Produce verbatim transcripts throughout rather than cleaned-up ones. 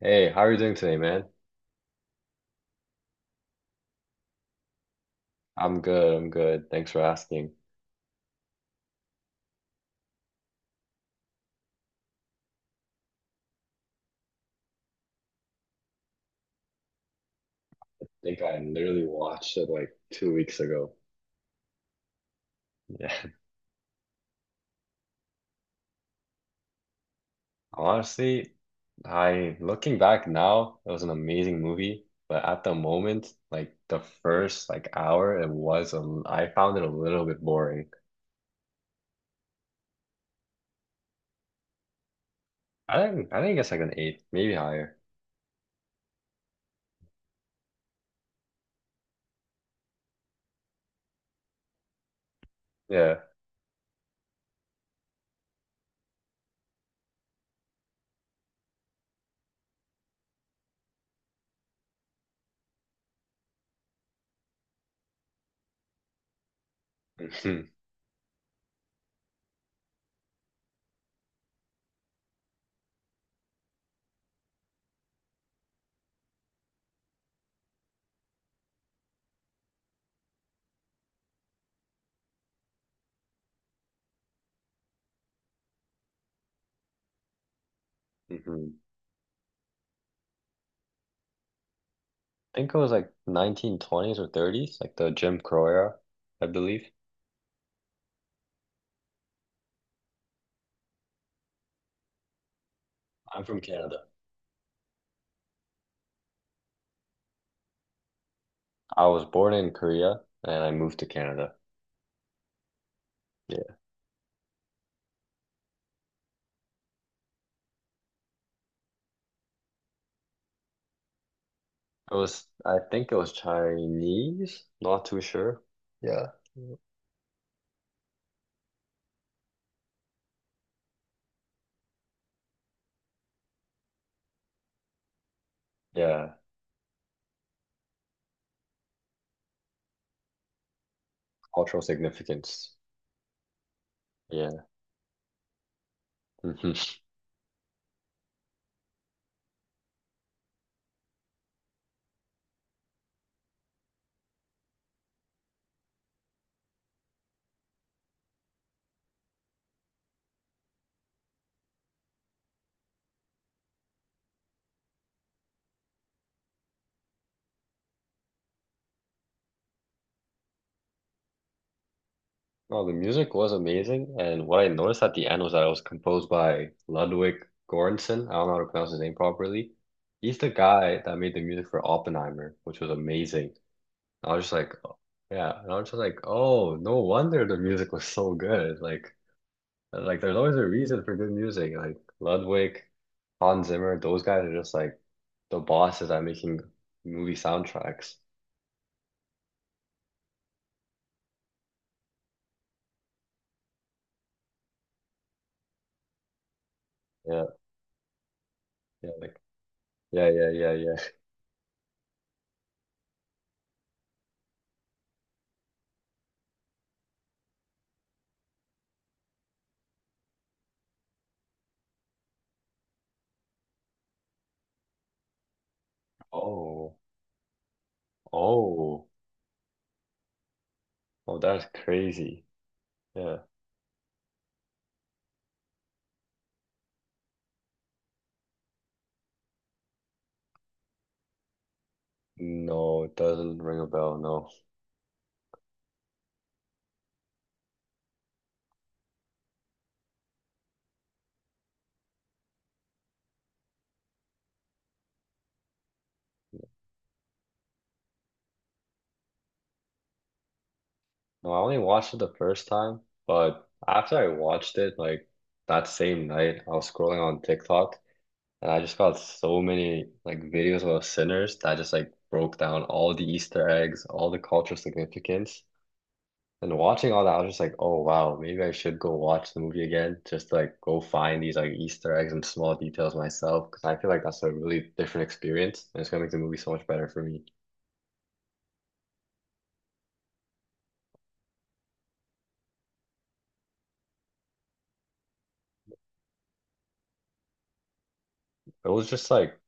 Hey, how are you doing today, man? I'm good. I'm good. Thanks for asking. I think I literally watched it like two weeks ago. Yeah. Honestly, I looking back now, it was an amazing movie, but at the moment, like the first like hour, it was a, I found it a little bit boring. I think I think it's like an eight, maybe higher. Yeah. Hmm. Hmm. I think it was like nineteen twenties or thirties, like the Jim Crow era, I believe. I'm from Canada. I was born in Korea and I moved to Canada. Yeah. It was, I think it was Chinese, not too sure. Yeah. Yeah, cultural significance. Yeah. Hmm. Well, the music was amazing, and what I noticed at the end was that it was composed by Ludwig Göransson. I don't know how to pronounce his name properly. He's the guy that made the music for Oppenheimer, which was amazing. I was just like, oh, yeah, and I was just like, oh, no wonder the music was so good. Like, and, like, there's always a reason for good music. Like Ludwig, Hans Zimmer, those guys are just like the bosses at making movie soundtracks. Yeah, yeah, like, yeah, yeah, yeah, yeah. Oh, oh, oh, that's crazy. Yeah. No, it doesn't ring a bell, no. No, I only watched it the first time, but after I watched it, like that same night, I was scrolling on TikTok. And I just got so many like videos about sinners that just like broke down all the Easter eggs, all the cultural significance. And watching all that, I was just like, oh wow, maybe I should go watch the movie again, just to, like, go find these like Easter eggs and small details myself, because I feel like that's a really different experience, and it's gonna make the movie so much better for me. It was just like,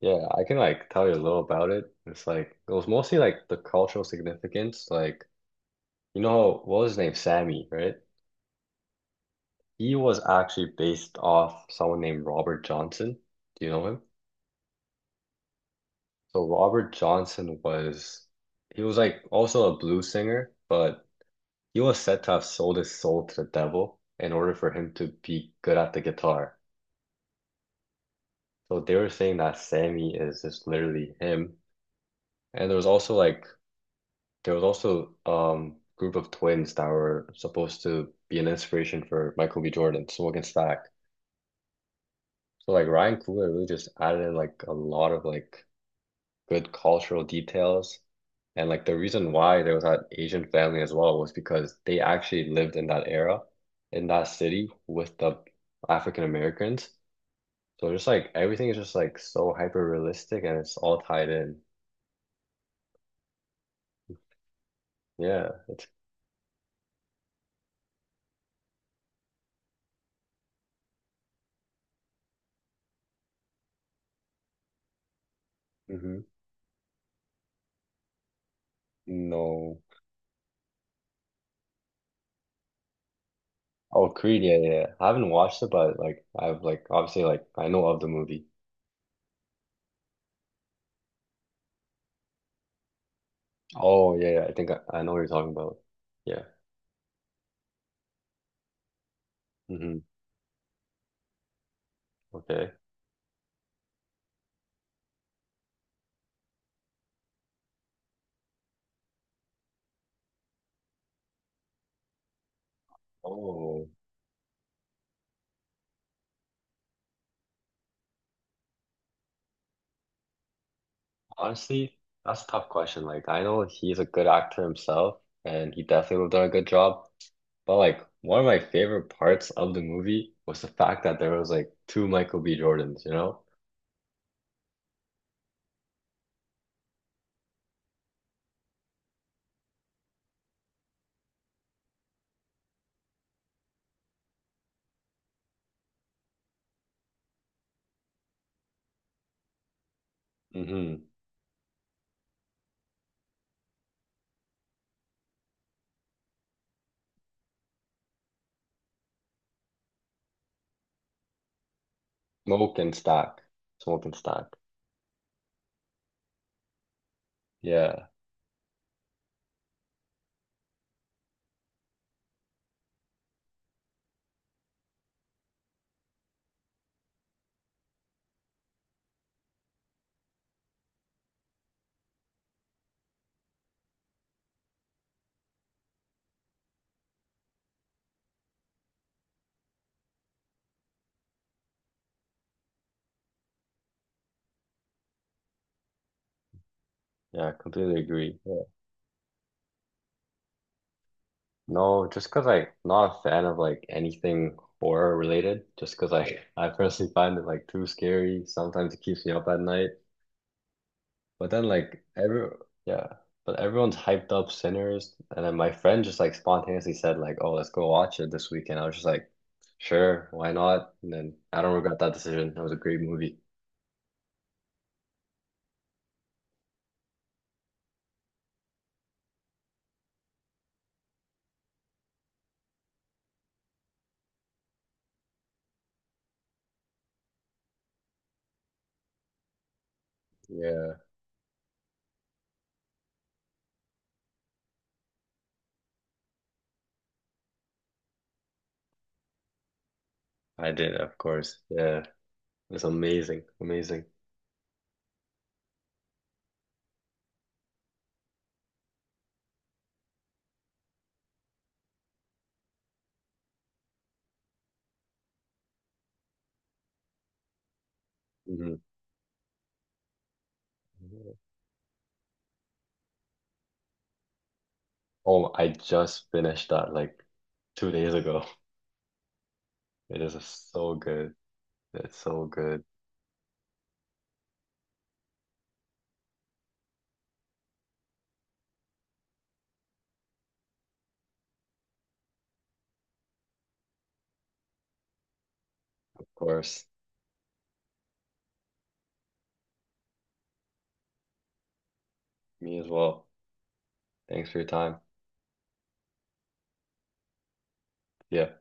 yeah, I can like tell you a little about it. It's like it was mostly like the cultural significance, like you know what was his name, Sammy, right? He was actually based off someone named Robert Johnson. Do you know him? So Robert Johnson was, he was like also a blues singer, but he was said to have sold his soul to the devil in order for him to be good at the guitar. So they were saying that Sammy is just literally him. And there was also like there was also um group of twins that were supposed to be an inspiration for Michael B. Jordan, Swag and Stack. So like Ryan Coogler really just added in like a lot of like good cultural details. And like the reason why there was that Asian family as well was because they actually lived in that era, in that city with the African Americans. So just like everything is just like so hyper realistic and it's all tied in. Yeah, it's, hmm. No. Oh, Creed, yeah, yeah, yeah. I haven't watched it, but like I've like obviously like I know of the movie. Oh yeah, yeah. I think I, I know what you're talking about. Yeah. Hmm. Okay. Oh. Honestly, that's a tough question. Like, I know he's a good actor himself, and he definitely would have done a good job. But like, one of my favorite parts of the movie was the fact that there was like two Michael B. Jordans, you know? Mm-hmm. Smoke and Stack. Smoke and Stack. Yeah, yeah, completely agree. Yeah. No, just because like not a fan of like anything horror related, just because I, I personally find it like too scary. Sometimes it keeps me up at night. But then like every, yeah, but everyone's hyped up Sinners, and then my friend just like spontaneously said like, "Oh, let's go watch it this weekend." I was just like, "Sure, why not?" And then I don't regret that decision. That was a great movie. Yeah, I did, of course. Yeah, it's amazing, amazing. Hmm. Oh, I just finished that like two days ago. It is so good. It's so good. Of course, me as well. Thanks for your time. Yeah.